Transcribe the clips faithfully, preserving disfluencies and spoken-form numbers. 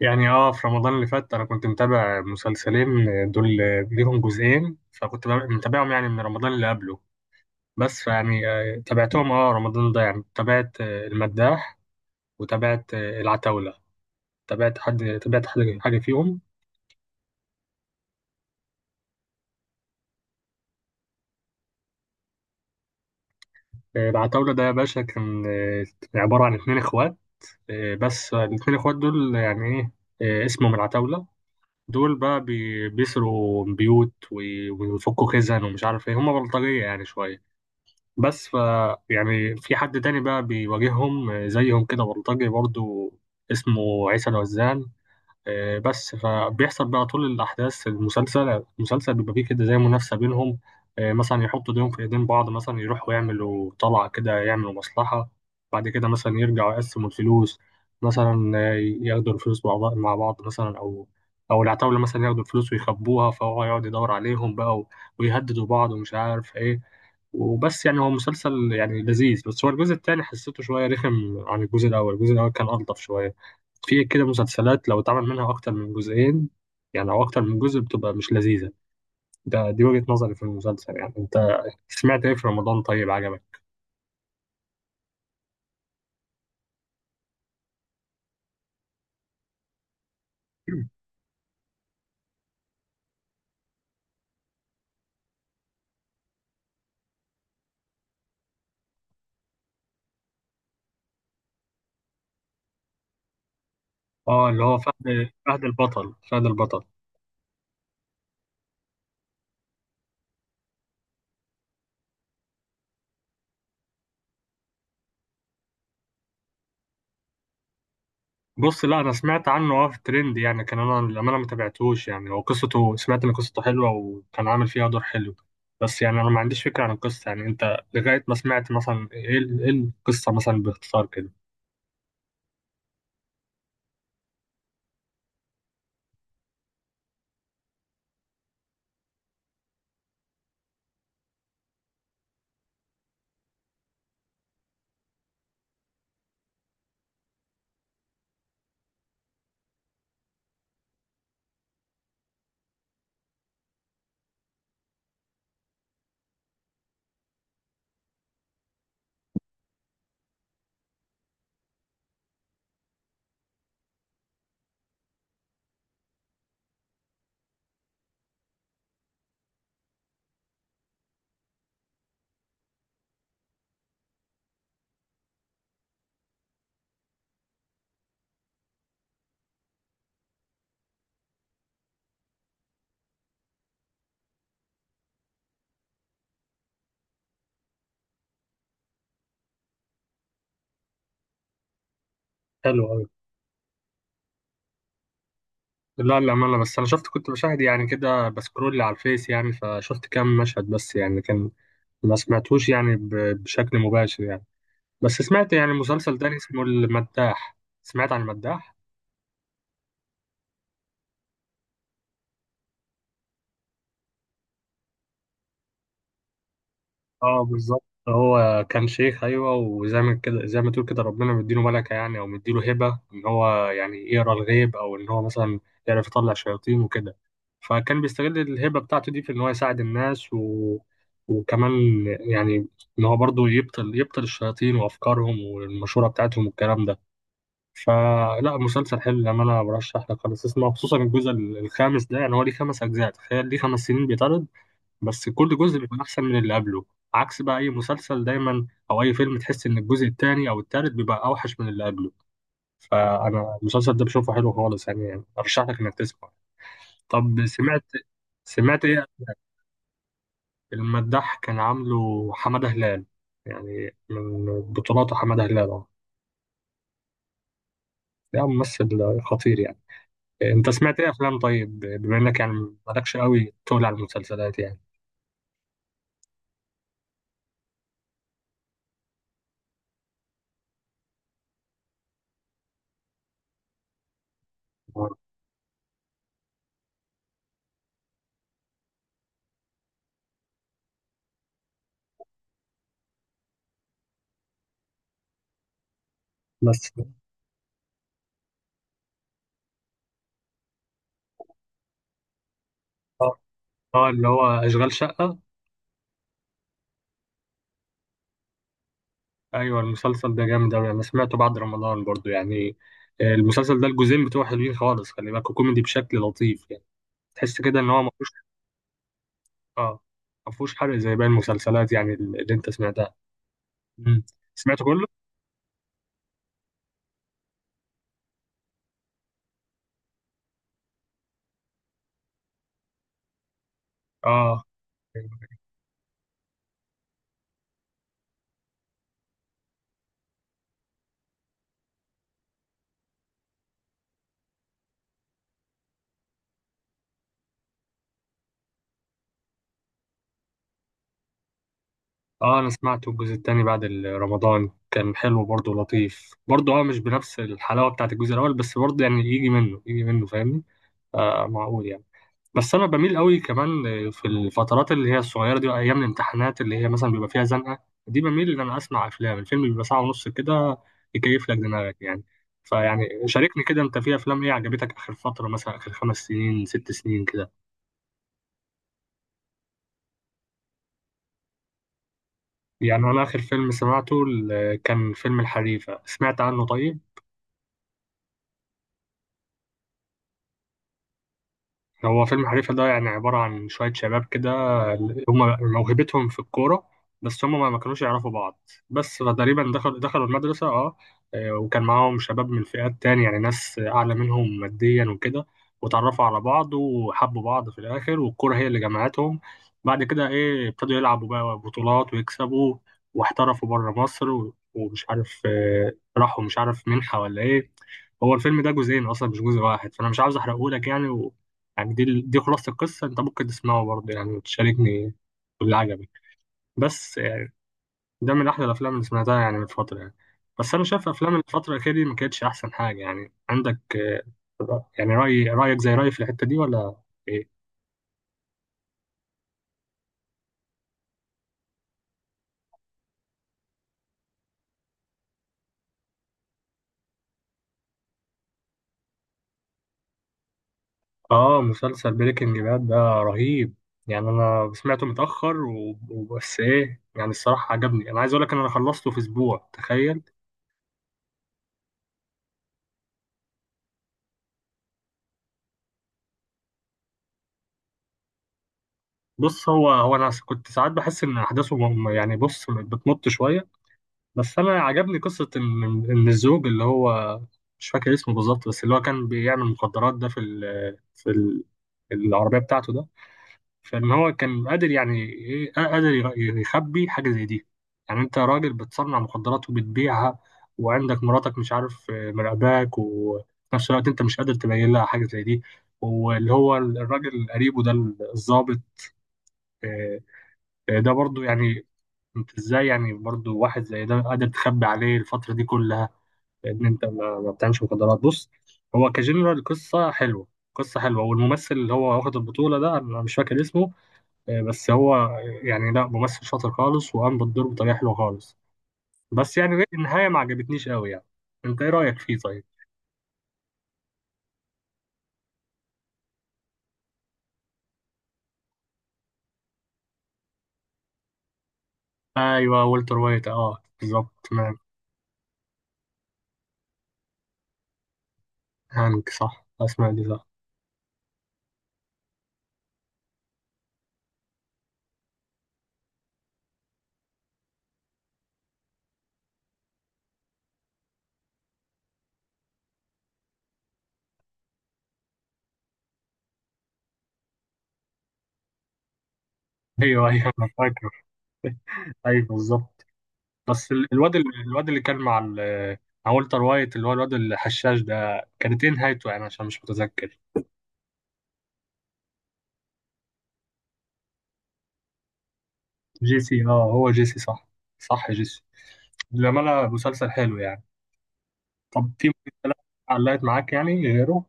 يعني اه في رمضان اللي فات انا كنت متابع مسلسلين آه، دول آه، ليهم جزئين، فكنت بقى- متابعهم يعني من رمضان اللي قبله. بس يعني آه، تابعتهم اه رمضان ده، يعني تابعت آه، المداح، وتابعت آه، العتاولة. تابعت حد تابعت حاجة حاجة فيهم؟ آه، العتاولة ده يا باشا كان آه، عبارة عن اتنين اخوات. آه، بس آه، الاتنين اخوات دول يعني ايه، آه، اسمهم العتاولة. دول بقى بي- بيسرقوا بيوت وي- ويفكوا خزن ومش عارف ايه، هما بلطجية يعني شوية. بس ف يعني في حد تاني بقى بيواجههم، آه، زيهم كده بلطجي برضو، اسمه عيسى الوزان. آه، بس فبيحصل بقى طول الأحداث، المسلسل المسلسل بيبقى فيه كده زي منافسة بينهم. آه، مثلا يحطوا ايديهم في ايدين بعض، مثلا يروحوا يعملوا طلعة كده، يعملوا مصلحة. بعد كده مثلا يرجعوا يقسموا الفلوس. مثلا آه، ياخدوا الفلوس مع بعض مع بعض مثلا، أو أو العتاولة مثلا ياخدوا الفلوس ويخبوها، فهو يقعد يدور عليهم بقى و- ويهددوا بعض ومش عارف إيه. وبس، يعني هو مسلسل يعني لذيذ، بس هو الجزء التاني حسيته شوية رخم عن الجزء الأول. الجزء الأول كان ألطف شوية. في كده مسلسلات لو اتعمل منها أكتر من جزئين، يعني أو أكتر من جزء، بتبقى مش لذيذة. ده دي وجهة نظري في المسلسل. يعني أنت سمعت إيه في رمضان؟ طيب، عجبك؟ اه اللي هو فهد فهد البطل، فهد البطل. بص، لا، انا سمعت عنه اه في الترند يعني، كان انا للامانه ما تابعتوش يعني. هو قصته سمعت ان قصته حلوه، وكان عامل فيها دور حلو. بس يعني انا ما عنديش فكره عن القصه، يعني انت لغايه ما سمعت، مثلا، ايه ال- إيه القصه مثلا باختصار كده؟ حلو قوي. لا، للامانه، بس انا شفت كنت بشاهد يعني كده، بسكرول على الفيس يعني، فشفت كام مشهد بس، يعني كان ما سمعتوش يعني ب- بشكل مباشر يعني. بس سمعت يعني مسلسل تاني اسمه المداح. سمعت عن المداح؟ اه، بالظبط. هو كان شيخ، ايوه، وزي ما كده، زي ما تقول كده ربنا مديله ملكه، يعني او مديله هبه ان هو يعني يقرا الغيب، او ان هو مثلا يعرف يطلع شياطين وكده. فكان بيستغل الهبه بتاعته دي في ان هو يساعد الناس، و... وكمان يعني ان هو برضه يبطل يبطل الشياطين وافكارهم والمشوره بتاعتهم والكلام ده. فلا، مسلسل حلو، لما انا برشح لك خالص اسمه، خصوصا الجزء الخامس ده. يعني هو ليه خمس اجزاء، تخيل، ليه خمس سنين بيتعرض. بس كل جزء بيكون احسن من اللي قبله. عكس بقى اي مسلسل دايما، او اي فيلم، تحس ان الجزء الثاني او الثالث بيبقى اوحش من اللي قبله. فانا المسلسل ده بشوفه حلو خالص يعني. ارشح لك انك تسمع. طب سمعت؟ سمعت ايه؟ المداح كان عامله حمادة هلال، يعني من بطولاته حمادة هلال، اه. ده ممثل خطير يعني. انت سمعت ايه افلام، طيب، بما انك يعني مالكش قوي تقول على المسلسلات يعني؟ بس اه آه، اللي هو اشغال شقة. ايوه، المسلسل ده جامد اوي، انا سمعته بعد رمضان برضو يعني. آه، المسلسل ده الجزئين بتوعه حلوين خالص، خلي بالك، كوميدي بشكل لطيف يعني. تحس كده ان هو مفهوش اه مفهوش حرق زي باقي المسلسلات، يعني اللي انت سمعتها. مم. سمعته كله؟ اه اه انا سمعته. الجزء الثاني بعد ال- رمضان كان حلو برضو، لطيف برضو، اه، مش بنفس الحلاوة بتاعت الجزء الاول، بس برضو يعني يجي منه، يجي منه، فاهمني؟ آه معقول يعني. بس انا بميل قوي كمان في الفترات اللي هي الصغيره دي، ايام الامتحانات، اللي هي مثلا بيبقى فيها زنقه دي، بميل ان انا اسمع افلام. الفيلم بيبقى ساعه ونص كده، يكيف لك دماغك يعني. فيعني شاركني كده، انت في افلام ايه عجبتك اخر فتره، مثلا اخر خمس سنين، ست سنين كده؟ يعني انا اخر فيلم سمعته ال- كان فيلم الحريفه، سمعت عنه طيب؟ هو فيلم حريفة ده يعني عبارة عن شوية شباب كده، هم موهبتهم في الكورة، بس هم ما ما كانوش يعرفوا بعض. بس فتقريبا دخل دخلوا المدرسة، اه، آه، وكان معاهم شباب من فئات تانية، يعني ناس أعلى منهم ماديا وكده. وتعرفوا على بعض وحبوا بعض في الآخر، والكورة هي اللي جمعتهم. بعد كده، إيه، ابتدوا يلعبوا بقى بطولات ويكسبوا، واحترفوا بره مصر و- ومش عارف، آه، راحوا مش عارف منحة ولا إيه. هو الفيلم ده جزئين اصلا، مش جزء واحد، فانا مش عاوز احرقهولك يعني. يعني دي دي خلاصة القصة. أنت ممكن تسمعه برضه يعني، وتشاركني باللي عجبك. بس يعني ده من أحلى الأفلام اللي سمعتها، يعني من فترة يعني. بس أنا شايف أفلام الفترة الأخيرة دي ما كانتش أحسن حاجة، يعني عندك آه، يعني رأي رأيك زي رأيي في الحتة دي، ولا إيه؟ آه مسلسل بريكنج باد ده رهيب. يعني أنا سمعته متأخر، و- وبس إيه يعني، الصراحة عجبني. أنا عايز أقول لك إن أنا خلصته في أسبوع، تخيل. بص، هو هو أنا كنت ساعات بحس إن أحداثه م- يعني، بص، بتمط شوية. بس انا عجبني قصه ان ان الزوج اللي هو، مش فاكر اسمه بالظبط، بس اللي هو كان بيعمل مخدرات ده في ال في ال العربيه بتاعته ده. فان هو كان قادر، يعني ايه، قادر ير- يخبي حاجه زي دي. يعني انت راجل بتصنع مخدرات وبتبيعها، وعندك مراتك، مش عارف، آه، مراقباك، وفي نفس الوقت انت مش قادر تبين لها حاجه زي دي. واللي هو الراجل قريبه ده، الضابط، آه، آه، ده برضو يعني، انت ازاي يعني برضو واحد زي ده قادر تخبي عليه الفتره دي كلها؟ لان انت ما ما بتعملش مخدرات، بص. هو كجنرال القصه حلوه. قصه حلوه. والممثل اللي هو واخد البطوله ده انا مش فاكر اسمه، آه، بس هو يعني، لا، ممثل شاطر خالص، وقام بالدور بطريقه حلوه خالص. بس يعني إيه، النهايه ما عجبتنيش قوي يعني. انت ايه رايك فيه، طيب؟ ايوه والتر وايت، اه، بالظبط، تمام. هانك، صح، اسمع دي صح. ايوه، ايوه، انا فاكر. ايوه بالظبط. بس ال- الواد ال- الواد اللي كان مع ال- مع والتر وايت، اللي هو الواد الحشاش ده، كانت ايه نهايته يعني؟ عشان مش متذكر. جيسي، اه، هو جيسي صح. صح، جيسي. للأمانة مسلسل حلو يعني. طب في مسلسلات علقت معاك يعني غيره؟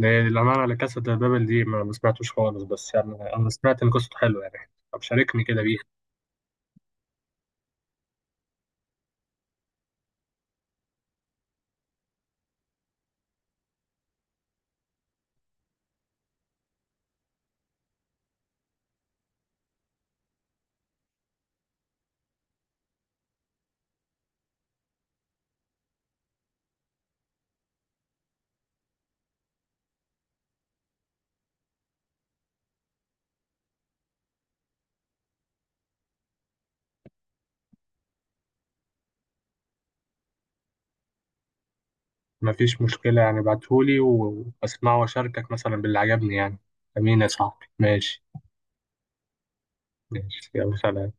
للأمانة لا كاسا دي بابل دي ما ما سمعتوش خالص، بس يعني أنا سمعت إن قصته حلوة يعني. طب شاركني كده بيه. مفيش مشكلة، يعني بعتهولي وأسمعه وأشاركك مثلا باللي عجبني يعني. أمين يا صاحبي. ماشي، ماشي، يلا، سلام.